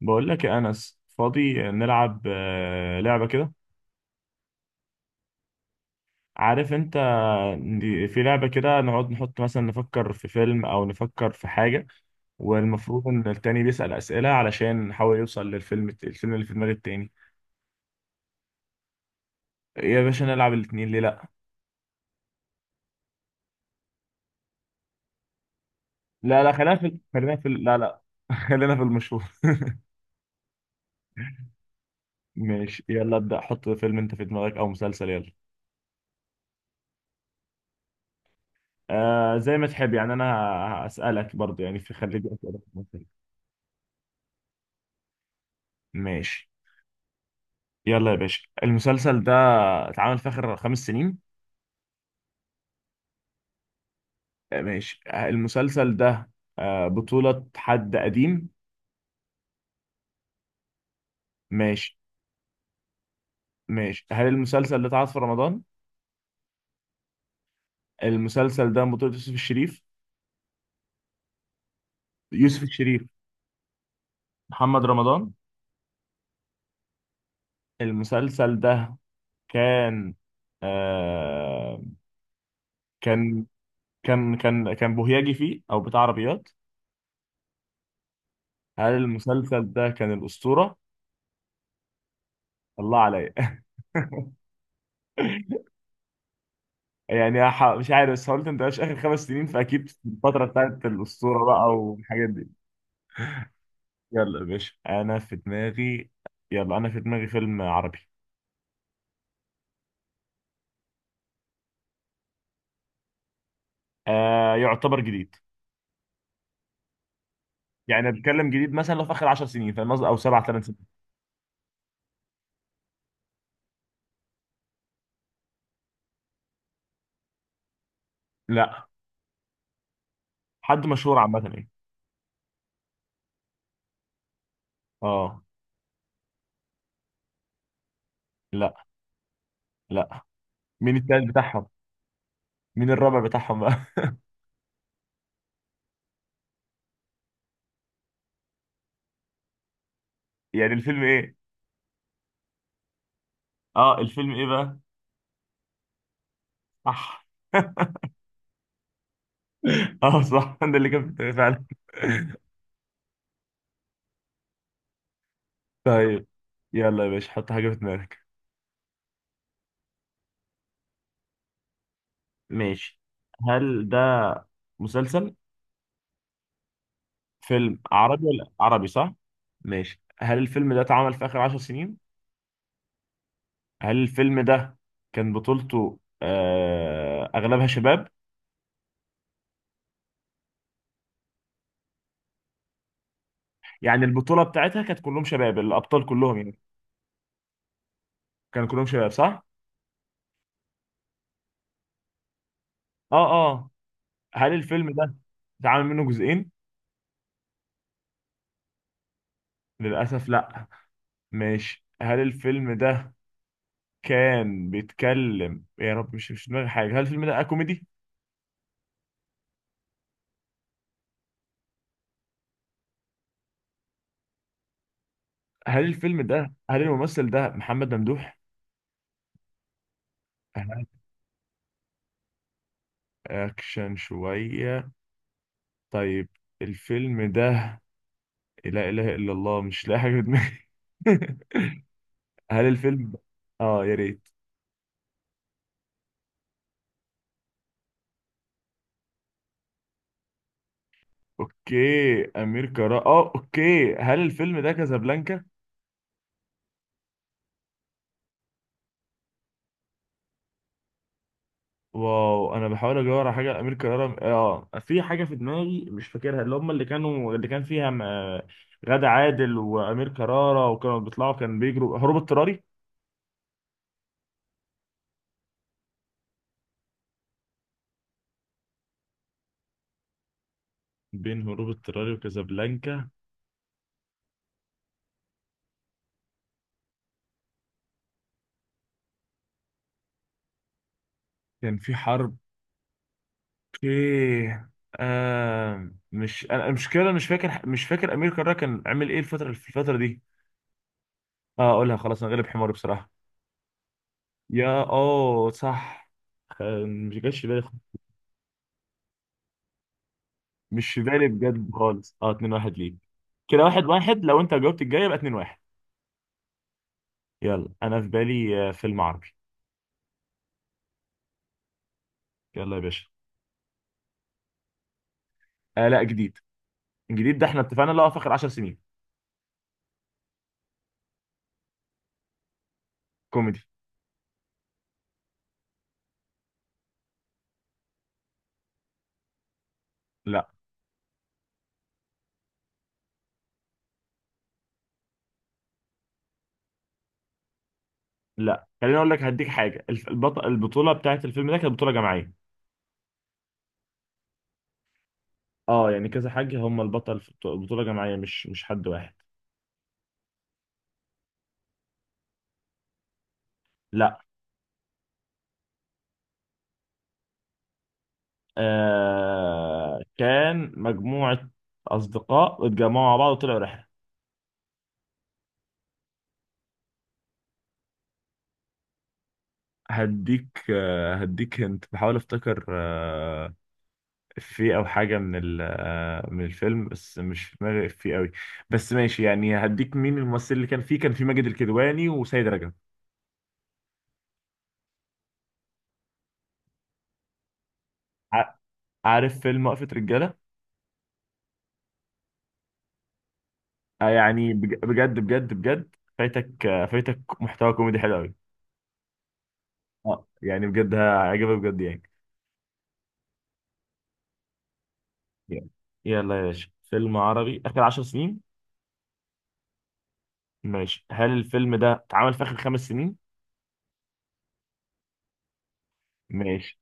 بقول لك يا انس فاضي نلعب لعبه كده. عارف انت. في لعبه كده نقعد نحط مثلا نفكر في فيلم او نفكر في حاجه، والمفروض ان التاني بيسال اسئله علشان نحاول يوصل للفيلم، اللي في دماغ التاني. يا باشا نلعب الاتنين ليه لا. خلينا في لا لا خلينا في المشهور. ماشي يلا ابدا، حط فيلم انت في دماغك او مسلسل يلا. آه زي ما تحب، يعني انا هسالك برضه، يعني في خليك اسئله في المسلسل. ماشي. يلا يا باشا، المسلسل ده اتعمل في آخر 5 سنين؟ ماشي. المسلسل ده بطولة حد قديم؟ ماشي. ماشي، هل المسلسل ده اتعرض في رمضان؟ المسلسل ده بطولة يوسف الشريف. يوسف الشريف. محمد رمضان. المسلسل ده كان آه كان كان بوهياجي فيه او بتاع عربيات. هل المسلسل ده كان الأسطورة؟ الله عليا. مش عارف، بس قلت انت مش اخر خمس سنين، فاكيد في الفتره بتاعت الاسطوره بقى والحاجات دي. يلا يا باشا انا في دماغي. يلا انا في دماغي فيلم عربي. آه يعتبر جديد. يعني بتكلم جديد، مثلا لو في اخر 10 سنين، فاهم قصدي؟ او سبع ثمان سنين. لا، حد مشهور عامه يعني. اه. لا. لا. مين التالت بتاعهم؟ مين الرابع بتاعهم بقى؟ يعني الفيلم ايه؟ اه، الفيلم ايه بقى؟ صح. اه صح، ده اللي كان في دماغي فعلا. طيب، يلا يا باشا، حط حاجه في دماغك. ماشي، هل ده مسلسل؟ فيلم عربي ولا عربي صح؟ ماشي، هل الفيلم ده اتعمل في آخر 10 سنين؟ هل الفيلم ده كان بطولته أغلبها شباب؟ يعني البطولة بتاعتها كانت كلهم شباب، الأبطال كلهم يعني. كانوا كلهم شباب صح. اه. اه. هل الفيلم ده اتعمل منه جزئين؟ للأسف لا. ماشي، هل الفيلم ده كان بيتكلم يا رب مش في دماغي حاجة، هل الفيلم ده كوميدي؟ هل الفيلم ده الممثل ده محمد ممدوح؟ اكشن شوية. طيب. الفيلم ده. لا اله الا الله، مش لاقي حاجة في دماغي. هل الفيلم، اه يا ريت. اوكي، امير كرارة، اه اوكي، هل الفيلم ده كازابلانكا؟ واو، انا بحاول ادور على حاجه. امير كرارة، اه، في حاجه في دماغي مش فاكرها، اللي كان فيها غادة عادل وامير كرارة، وكانوا بيطلعوا كان بيجروا، هروب اضطراري. بين هروب اضطراري وكازابلانكا. كان في حرب. اوكي. مش انا المشكله مش فاكر، امير كرارة كان عامل ايه في الفتره دي. اه، اقولها خلاص، انا غلب حماري بصراحه. يا اه صح. مش جاش في بالي مش في بالي بجد خالص. اه، 2-1 ليك. كده واحد واحد، لو انت جاوبت الجايه يبقى 2-1. يلا انا في بالي فيلم عربي. يلا يا باشا. آه لا، جديد. الجديد ده احنا اتفقنا اللي هو في اخر 10 سنين. كوميدي. لا لا خليني اقول لك هديك حاجه، البطوله بتاعت الفيلم ده كانت بطوله جماعيه. اه يعني كذا حاجة، هم البطل في بطولة جماعية، مش حد واحد. لا. آه كان مجموعة أصدقاء اتجمعوا مع بعض وطلعوا رحلة. هديك هنت. بحاول افتكر، آه، في او حاجة من ال آه من الفيلم، بس مش في دماغي في قوي. بس ماشي يعني، هديك، مين الممثل اللي كان فيه؟ كان في ماجد الكدواني وسيد رجب. ع- عارف فيلم وقفة رجالة؟ آه يعني بجد بجد بجد فايتك، آه فايتك محتوى كوميدي حلو قوي. اه يعني بجد هيعجبك بجد يعني. يلا. يلا يا باشا، فيلم عربي آخر 10 سنين. ماشي، هل الفيلم ده اتعمل في آخر خمس سنين؟ ماشي.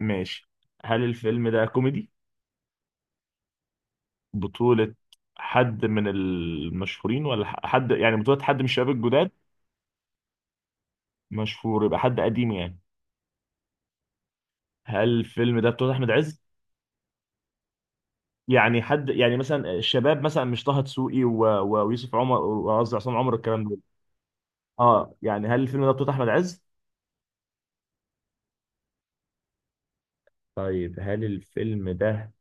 ماشي، هل الفيلم ده كوميدي؟ بطولة حد من المشهورين ولا حد يعني بطولة حد من الشباب الجداد؟ مشهور يبقى حد قديم يعني. هل الفيلم ده بطولة أحمد عز؟ يعني حد يعني مثلا الشباب، مثلا مش طه دسوقي و- و- ويوسف عمر، وقصدي عصام عمر، الكلام ده. اه يعني، هل الفيلم ده بطولة أحمد عز؟ طيب هل الفيلم ده،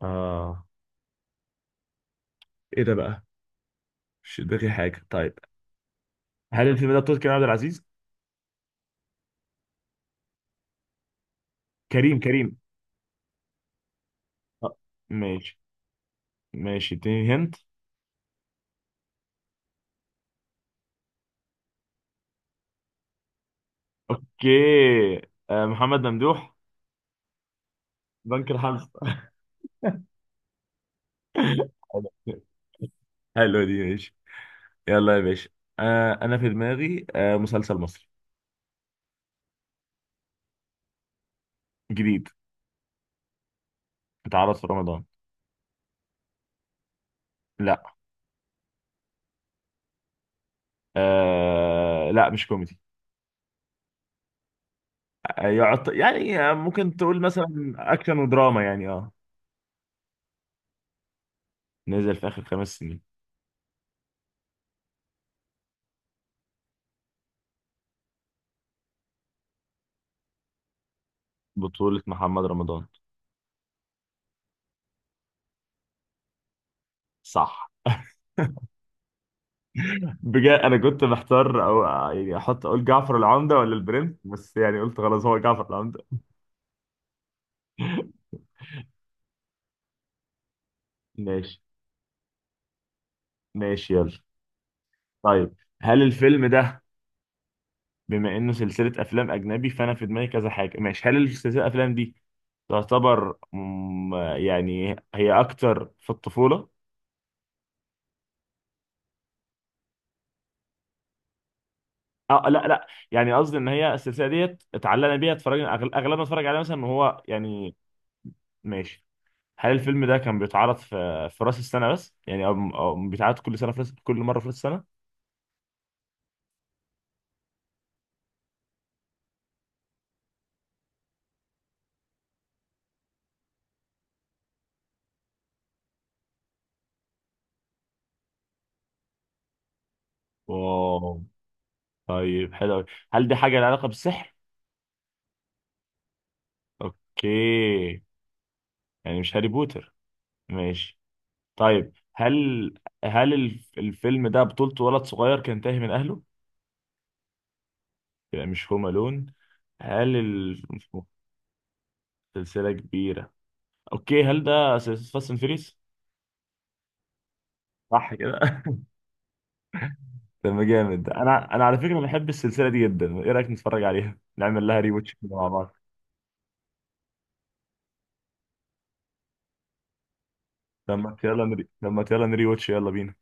اه، ايه ده بقى، مش في دماغي حاجه. طيب هل الفيلم ده بطولة كريم عبد العزيز؟ كريم. آه. ماشي. ماشي، اديني هنت. اوكي، آه، محمد ممدوح؟ بنك الحظ. حلو. حلو دي، ماشي. يلا يا باشا، انا في دماغي مسلسل مصري. جديد. اتعرض في رمضان. لا. لا مش كوميدي. يعني آه ممكن تقول مثلا اكشن ودراما يعني، اه. نزل في اخر 5 سنين. بطولة محمد رمضان. صح. بجد انا كنت محتار، او يعني احط، اقول جعفر العمدة ولا البرنس، بس يعني قلت خلاص هو جعفر العمدة. ماشي. ماشي يلا. طيب هل الفيلم ده، بما انه سلسلة افلام اجنبي، فانا في دماغي كذا حاجة. ماشي، هل السلسلة الافلام دي تعتبر يعني هي اكتر في الطفولة؟ اه لا لا، يعني قصدي ان هي السلسلة ديت اتعلقنا بيها، اتفرجنا اغلبنا اتفرج عليها مثلا وهو يعني. ماشي. هل الفيلم ده كان بيتعرض في راس السنة بس يعني، او أو بيتعرض كل سنة في راس، كل مرة في راس السنة؟ واو. طيب حلو أوي. هل دي حاجة لها علاقة بالسحر؟ اوكي. يعني مش هاري بوتر. ماشي. طيب هل، هل الفيلم ده بطولته ولد صغير كان تاهي من اهله؟ يبقى مش هوم الون. هل ال- سلسلة كبيرة. اوكي، هل ده سلسلة فاست اند فيريس؟ صح كده. طب جامد. انا انا على فكرة بحب السلسلة دي جدا، ايه رأيك نتفرج عليها؟ نعمل لها ري واتش مع بعض. لما يلا نري واتش، يلا بينا.